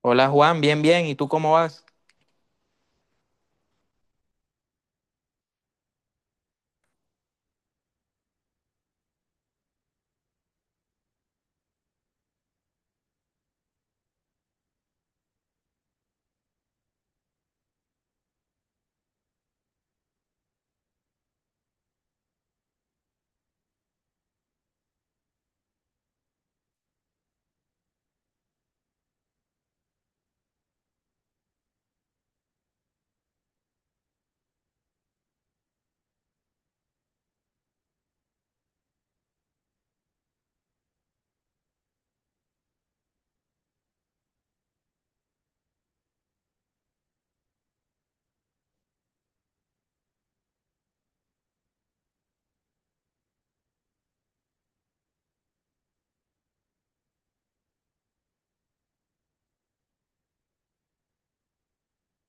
Hola Juan, bien, bien. ¿Y tú cómo vas?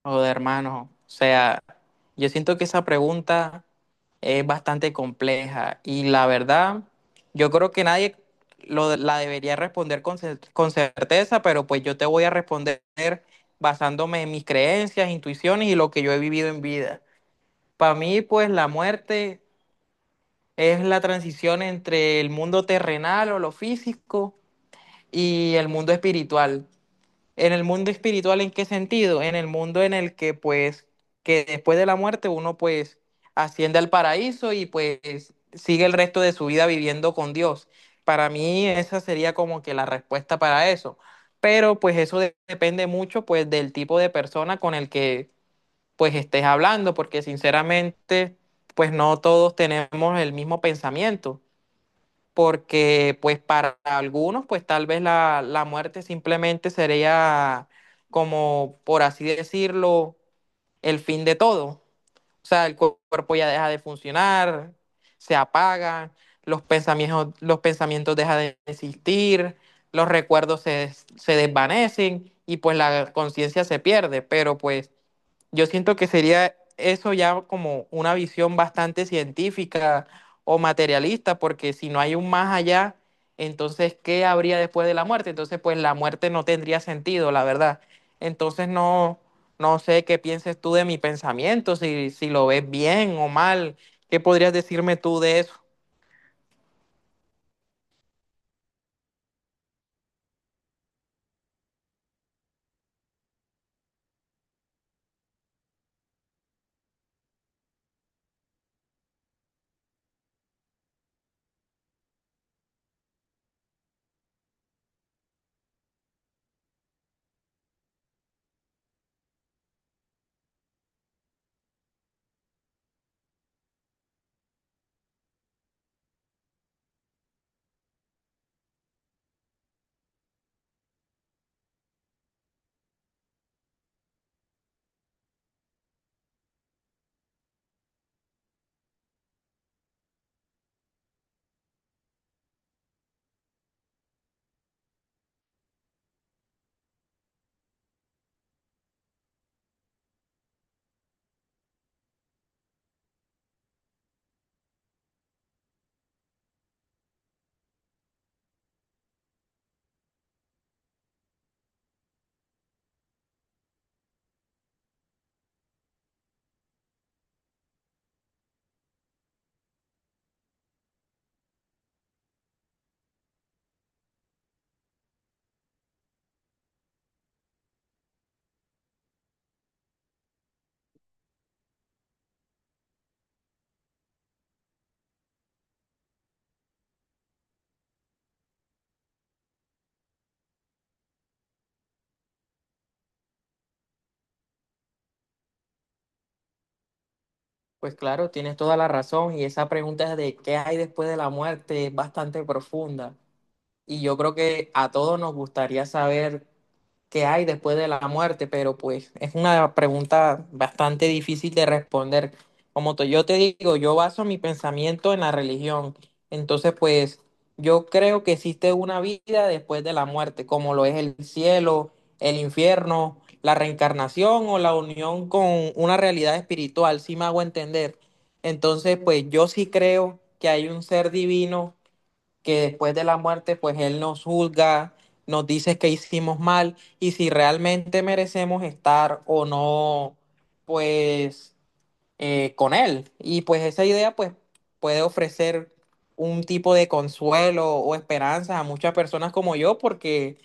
Joder, hermano. O sea, yo siento que esa pregunta es bastante compleja y la verdad, yo creo que nadie la debería responder con certeza, pero pues yo te voy a responder basándome en mis creencias, intuiciones y lo que yo he vivido en vida. Para mí, pues la muerte es la transición entre el mundo terrenal o lo físico y el mundo espiritual. En el mundo espiritual, ¿en qué sentido? En el mundo en el que, pues, que después de la muerte uno, pues, asciende al paraíso y, pues, sigue el resto de su vida viviendo con Dios. Para mí esa sería como que la respuesta para eso. Pero, pues, eso depende mucho, pues, del tipo de persona con el que, pues, estés hablando, porque sinceramente, pues, no todos tenemos el mismo pensamiento porque pues para algunos pues tal vez la muerte simplemente sería como, por así decirlo, el fin de todo. O sea, el cuerpo ya deja de funcionar, se apaga, los pensamientos dejan de existir, los recuerdos se desvanecen y pues la conciencia se pierde, pero pues yo siento que sería eso ya como una visión bastante científica o materialista, porque si no hay un más allá, entonces, ¿qué habría después de la muerte? Entonces, pues la muerte no tendría sentido, la verdad. Entonces, no, no sé qué pienses tú de mi pensamiento, si lo ves bien o mal, ¿qué podrías decirme tú de eso? Pues claro, tienes toda la razón y esa pregunta de qué hay después de la muerte es bastante profunda. Y yo creo que a todos nos gustaría saber qué hay después de la muerte, pero pues es una pregunta bastante difícil de responder. Como yo te digo, yo baso mi pensamiento en la religión. Entonces, pues yo creo que existe una vida después de la muerte, como lo es el cielo, el infierno, la reencarnación o la unión con una realidad espiritual, si me hago entender. Entonces, pues yo sí creo que hay un ser divino que después de la muerte, pues Él nos juzga, nos dice que hicimos mal y si realmente merecemos estar o no, pues con Él. Y pues esa idea, pues puede ofrecer un tipo de consuelo o esperanza a muchas personas como yo, porque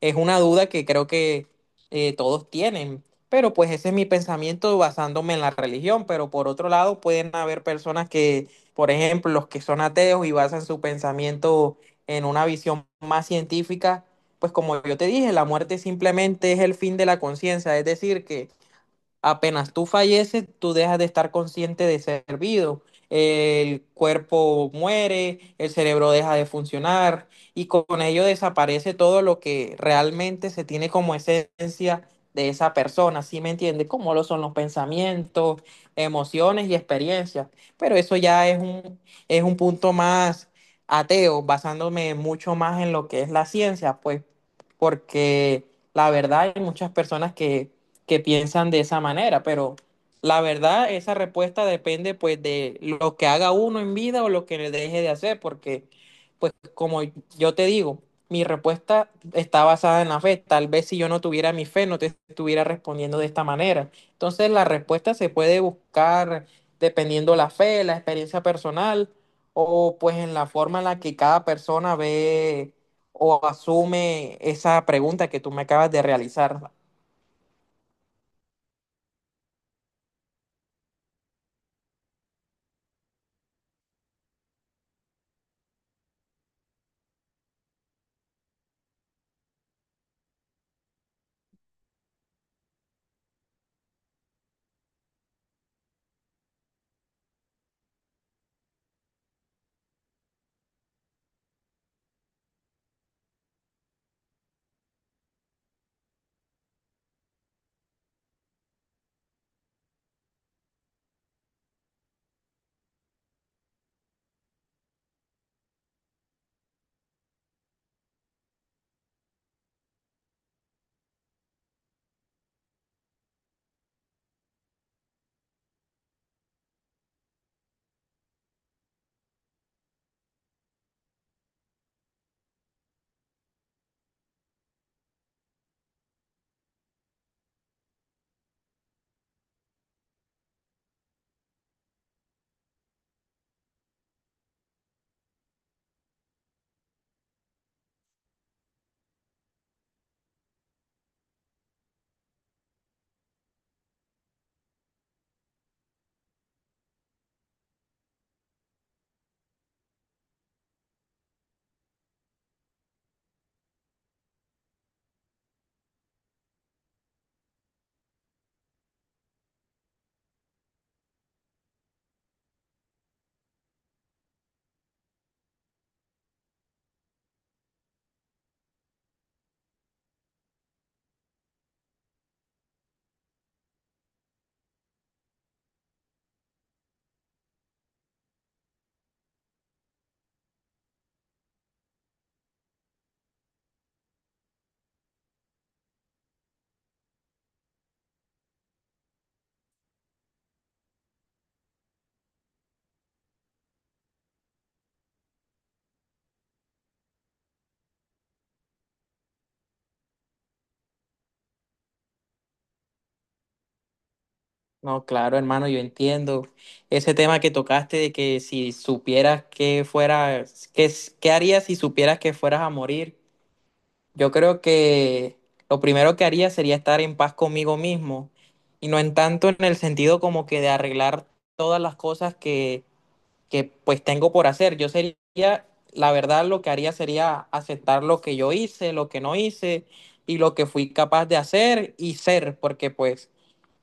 es una duda que creo que todos tienen, pero pues ese es mi pensamiento basándome en la religión, pero por otro lado pueden haber personas que, por ejemplo, los que son ateos y basan su pensamiento en una visión más científica, pues como yo te dije, la muerte simplemente es el fin de la conciencia, es decir, que apenas tú falleces, tú dejas de estar consciente de ser vivo. El cuerpo muere, el cerebro deja de funcionar y con ello desaparece todo lo que realmente se tiene como esencia de esa persona, ¿sí me entiendes? Como lo son los pensamientos, emociones y experiencias. Pero eso ya es un punto más ateo, basándome mucho más en lo que es la ciencia, pues, porque la verdad hay muchas personas que piensan de esa manera, pero la verdad, esa respuesta depende pues de lo que haga uno en vida o lo que le deje de hacer, porque pues como yo te digo, mi respuesta está basada en la fe. Tal vez si yo no tuviera mi fe, no te estuviera respondiendo de esta manera. Entonces la respuesta se puede buscar dependiendo la fe, la experiencia personal o pues en la forma en la que cada persona ve o asume esa pregunta que tú me acabas de realizar. No, claro, hermano, yo entiendo ese tema que tocaste de que si supieras que fueras, qué, qué harías si supieras que fueras a morir. Yo creo que lo primero que haría sería estar en paz conmigo mismo y no en tanto en el sentido como que de arreglar todas las cosas que pues tengo por hacer. Yo sería, la verdad, lo que haría sería aceptar lo que yo hice, lo que no hice y lo que fui capaz de hacer y ser, porque pues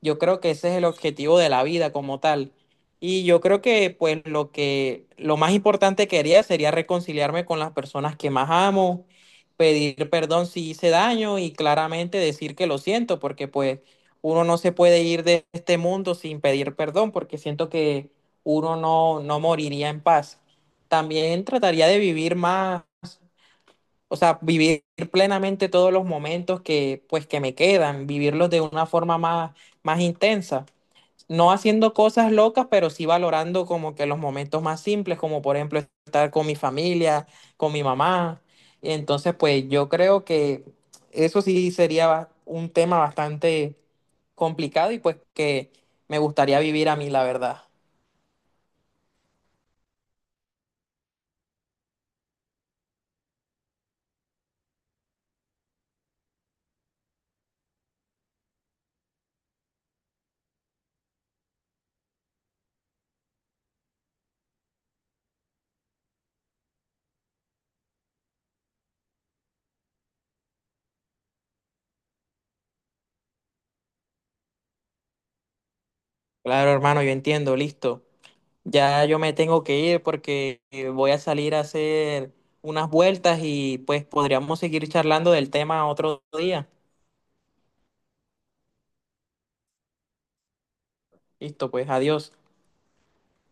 yo creo que ese es el objetivo de la vida como tal. Y yo creo que pues lo más importante que haría sería reconciliarme con las personas que más amo, pedir perdón si hice daño y claramente decir que lo siento, porque pues uno no se puede ir de este mundo sin pedir perdón, porque siento que uno no, no moriría en paz. También trataría de vivir más, o sea, vivir plenamente todos los momentos que, pues, que me quedan, vivirlos de una forma más, más intensa. No haciendo cosas locas, pero sí valorando como que los momentos más simples, como por ejemplo estar con mi familia, con mi mamá. Entonces, pues yo creo que eso sí sería un tema bastante complicado y pues que me gustaría vivir a mí, la verdad. Claro, hermano, yo entiendo, listo. Ya yo me tengo que ir porque voy a salir a hacer unas vueltas y pues podríamos seguir charlando del tema otro día. Listo, pues adiós.